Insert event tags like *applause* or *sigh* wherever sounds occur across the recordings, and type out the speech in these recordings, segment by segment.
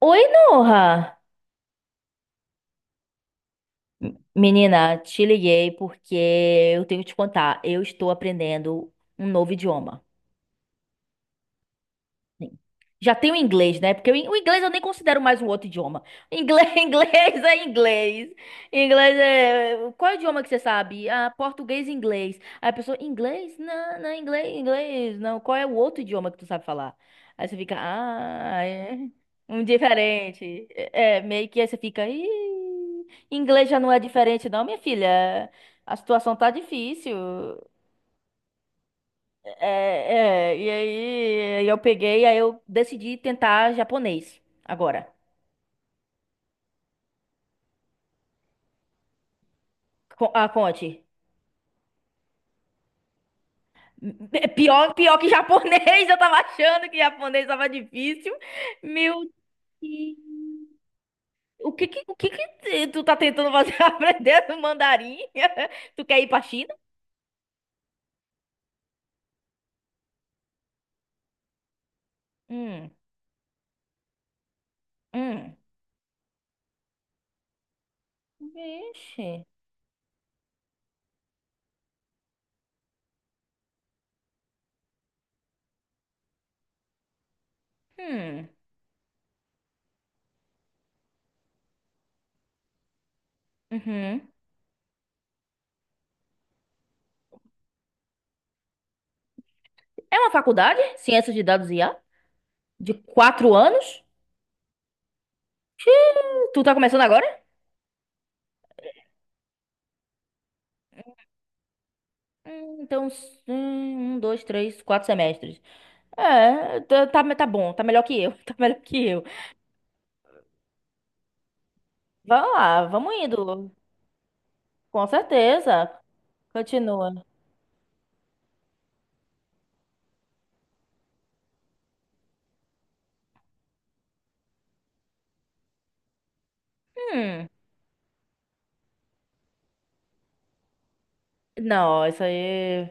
Oi, Noha! Menina, te liguei porque eu tenho que te contar. Eu estou aprendendo um novo idioma. Sim. Já tem o inglês, né? Porque o inglês eu nem considero mais um outro idioma. Inglês, *laughs* inglês é inglês. Inglês é. Qual é o idioma que você sabe? Ah, português e inglês. Aí a pessoa, inglês? Não, não, inglês, inglês. Não, qual é o outro idioma que tu sabe falar? Aí você fica, ah, é. Um diferente. É, é, meio que aí você fica, inglês já não é diferente, não, minha filha. A situação tá difícil. É, é, e aí eu peguei, aí eu decidi tentar japonês agora. Ah, conte. É pior, pior que japonês, *laughs* eu tava achando que japonês tava difícil. Meu Deus. O que que tu tá tentando fazer *laughs* aprender no mandarim? *laughs* Tu quer ir pra China? Hum, hum. Vixe. Hum, uhum. É uma faculdade? Ciência de dados e IA? De quatro anos? Tu tá começando agora? Hum. Então, um, dois, três, quatro semestres. É, tá bom, tá melhor que eu, *laughs* tá melhor que eu. Vamos lá, vamos indo. Com certeza. Continua. Hum. Não, isso aí.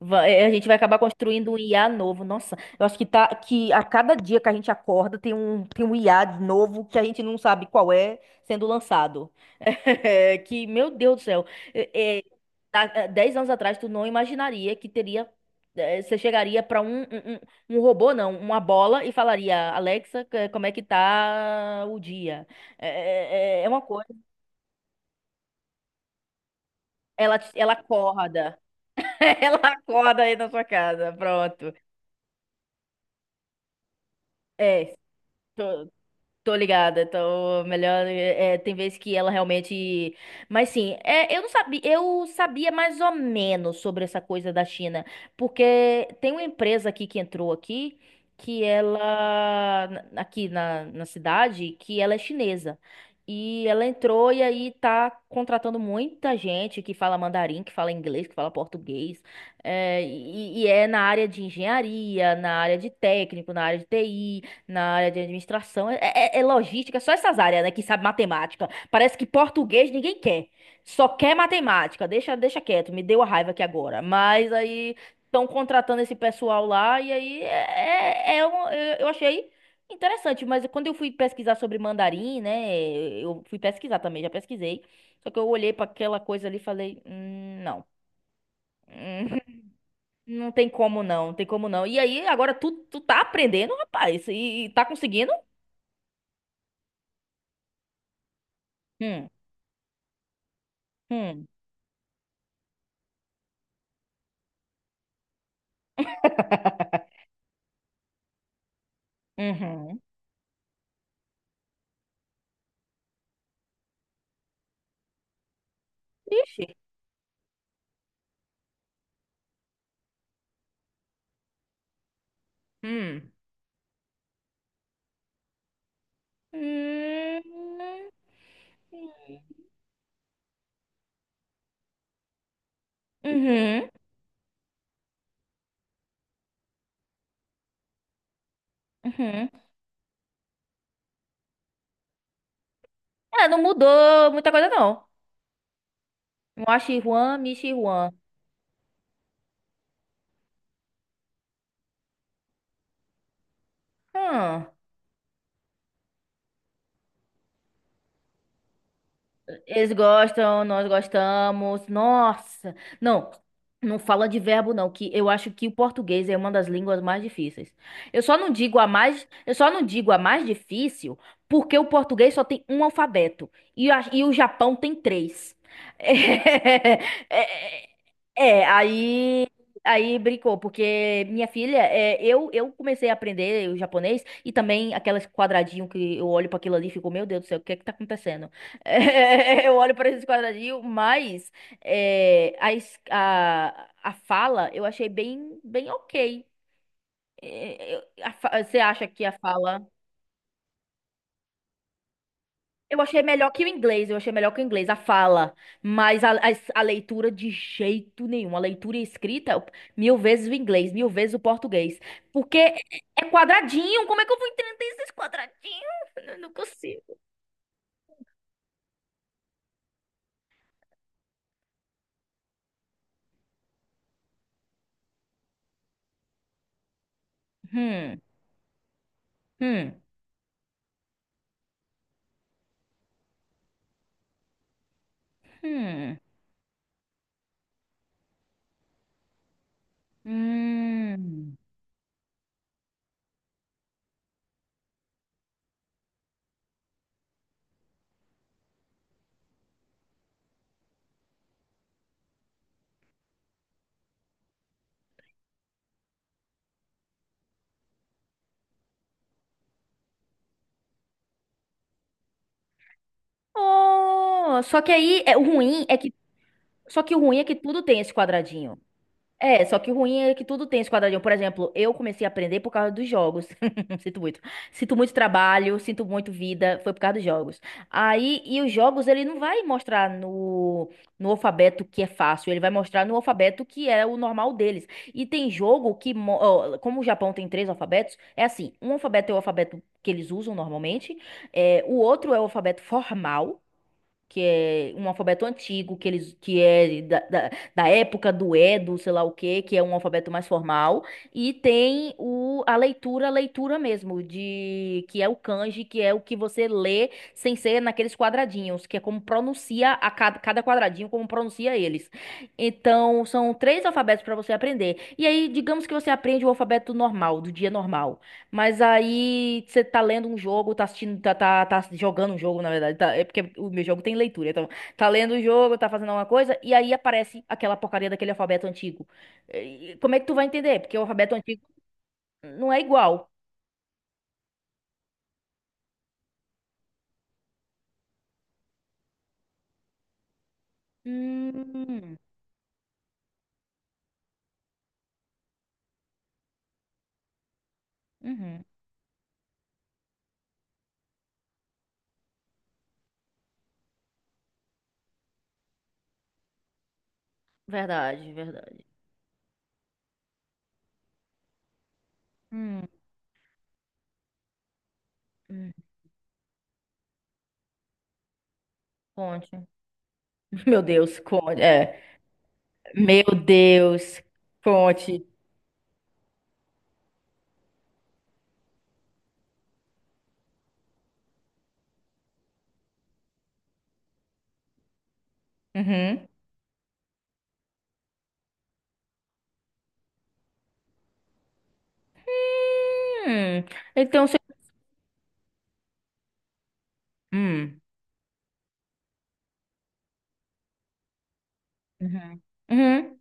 É, a gente vai acabar construindo um IA novo. Nossa, eu acho que tá que a cada dia que a gente acorda tem um IA de novo que a gente não sabe qual é sendo lançado. *laughs* Que, meu Deus do céu. É, é, há 10 anos atrás, tu não imaginaria que teria. É, você chegaria para um um robô, não, uma bola, e falaria: "Alexa, como é que tá o dia?" É uma coisa. Ela acorda. *laughs* Ela acorda aí na sua casa, pronto. É, tô- tô ligada, tô melhor. É, tem vezes que ela realmente. Mas sim, é, eu não sabia, eu sabia mais ou menos sobre essa coisa da China, porque tem uma empresa aqui que entrou aqui, que ela aqui na cidade, que ela é chinesa. E ela entrou e aí tá contratando muita gente que fala mandarim, que fala inglês, que fala português. É, e é na área de engenharia, na área de técnico, na área de TI. Na área de administração, é, é logística, só essas áreas, né, que sabe matemática. Parece que português ninguém quer. Só quer matemática. Deixa quieto, me deu a raiva aqui agora. Mas aí estão contratando esse pessoal lá, e aí é, eu achei interessante. Mas quando eu fui pesquisar sobre mandarim, né, eu fui pesquisar também, já pesquisei. Só que eu olhei para aquela coisa ali e falei: não. *laughs* Não tem como não tem como não." E aí, agora tu tá aprendendo, rapaz, e tá conseguindo? Hum. Hum. Uhum. Ixi. Hum. Hum. Uhum. Uhum. É, não mudou muita coisa, não. Moshi Juan, Michi Juan. Hum. Eles gostam, nós gostamos. Nossa. Não, não fala de verbo, não, que eu acho que o português é uma das línguas mais difíceis. Eu só não digo a mais, eu só não digo a mais difícil porque o português só tem um alfabeto e, e o Japão tem três. *laughs* É, é, é, aí brincou, porque minha filha, é, eu comecei a aprender o japonês e também aqueles quadradinho que eu olho para aquilo ali e fico, meu Deus do céu, o que é que tá acontecendo? *laughs* É, eu olho para esses quadradinhos, mas é, a fala eu achei bem ok. É, você acha que a fala eu achei melhor que o inglês, eu achei melhor que o inglês, a fala. Mas a leitura de jeito nenhum. A leitura e escrita, mil vezes o inglês, mil vezes o português. Porque é quadradinho. Como é que eu vou entender esses quadradinhos? Eu não consigo. Hum, hum, hum, hum. Oh, só que aí, é, o ruim é que. Só que o ruim é que tudo tem esse quadradinho. É, só que o ruim é que tudo tem esse quadradinho. Por exemplo, eu comecei a aprender por causa dos jogos. *laughs* Sinto muito. Sinto muito trabalho, sinto muito vida, foi por causa dos jogos. Aí, e os jogos, ele não vai mostrar no alfabeto que é fácil, ele vai mostrar no alfabeto que é o normal deles. E tem jogo que, ó, como o Japão tem três alfabetos, é assim, um alfabeto é o alfabeto que eles usam normalmente, é, o outro é o alfabeto formal, que é um alfabeto antigo, que eles que é da, da época do Edo, sei lá o quê, que é um alfabeto mais formal, e tem o, a leitura mesmo, de que é o kanji, que é o que você lê sem ser naqueles quadradinhos, que é como pronuncia cada quadradinho, como pronuncia eles. Então, são três alfabetos para você aprender. E aí, digamos que você aprende o alfabeto normal, do dia normal. Mas aí você tá lendo um jogo, tá assistindo, tá jogando um jogo, na verdade. É porque o meu jogo tem leitura, então. Tá lendo o jogo, tá fazendo alguma coisa, e aí aparece aquela porcaria daquele alfabeto antigo. E como é que tu vai entender? Porque o alfabeto antigo não é igual. Hum, uhum. Verdade, verdade. Hum, hum. Conte. *laughs* Meu Deus, conte. É. Meu Deus, conte. Uhum. Hum, então você. Hum. Uhum. Uhum.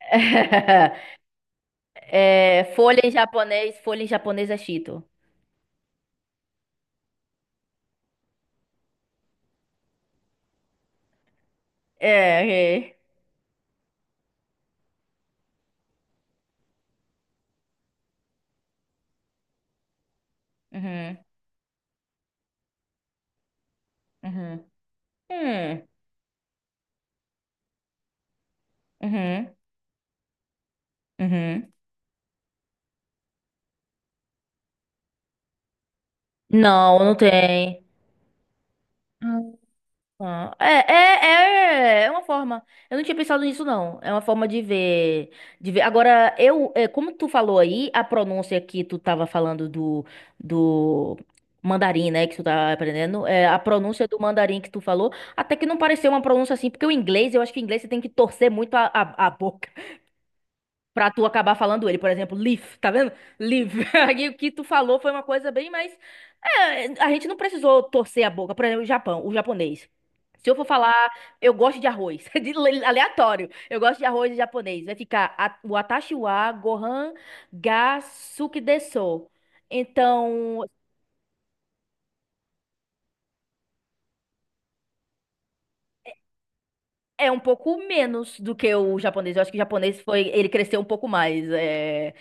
*laughs* É, folha em japonês é Cheeto. É, é. Uhum, uhum, hum, uhum, uhum. Não, não tem. Ah, é, é, é, é uma forma. Eu não tinha pensado nisso, não. É uma forma de ver, de ver. Agora, eu, é, como tu falou aí, a pronúncia que tu tava falando do, do mandarim, né, que tu tá aprendendo, é, a pronúncia do mandarim que tu falou, até que não pareceu uma pronúncia assim, porque o inglês, eu acho que o inglês você tem que torcer muito a boca pra tu acabar falando ele, por exemplo, live, tá vendo? Live. *laughs* Aí o que tu falou foi uma coisa bem mais. É, a gente não precisou torcer a boca. Por exemplo, o Japão, o japonês. Se eu for falar, eu gosto de arroz, *laughs* aleatório. Eu gosto de arroz em japonês. Vai ficar o Atashi wa Gohan ga Suki desu. Então, é um pouco menos do que o japonês. Eu acho que o japonês foi, ele cresceu um pouco mais. É.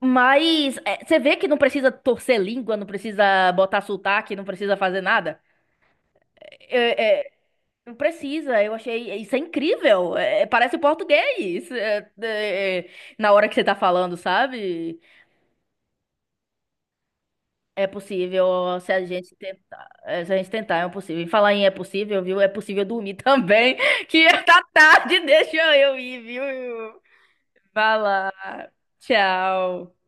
Mas é, você vê que não precisa torcer língua, não precisa botar sotaque, não precisa fazer nada. É, é, não precisa, eu achei. Isso é incrível. É, é, parece português. É, é, na hora que você tá falando, sabe? É possível se a gente tentar. É, se a gente tentar, é possível. E falar em é possível, viu? É possível dormir também. *laughs* Que tá tarde, deixa eu ir, viu? Vai lá. Tchau.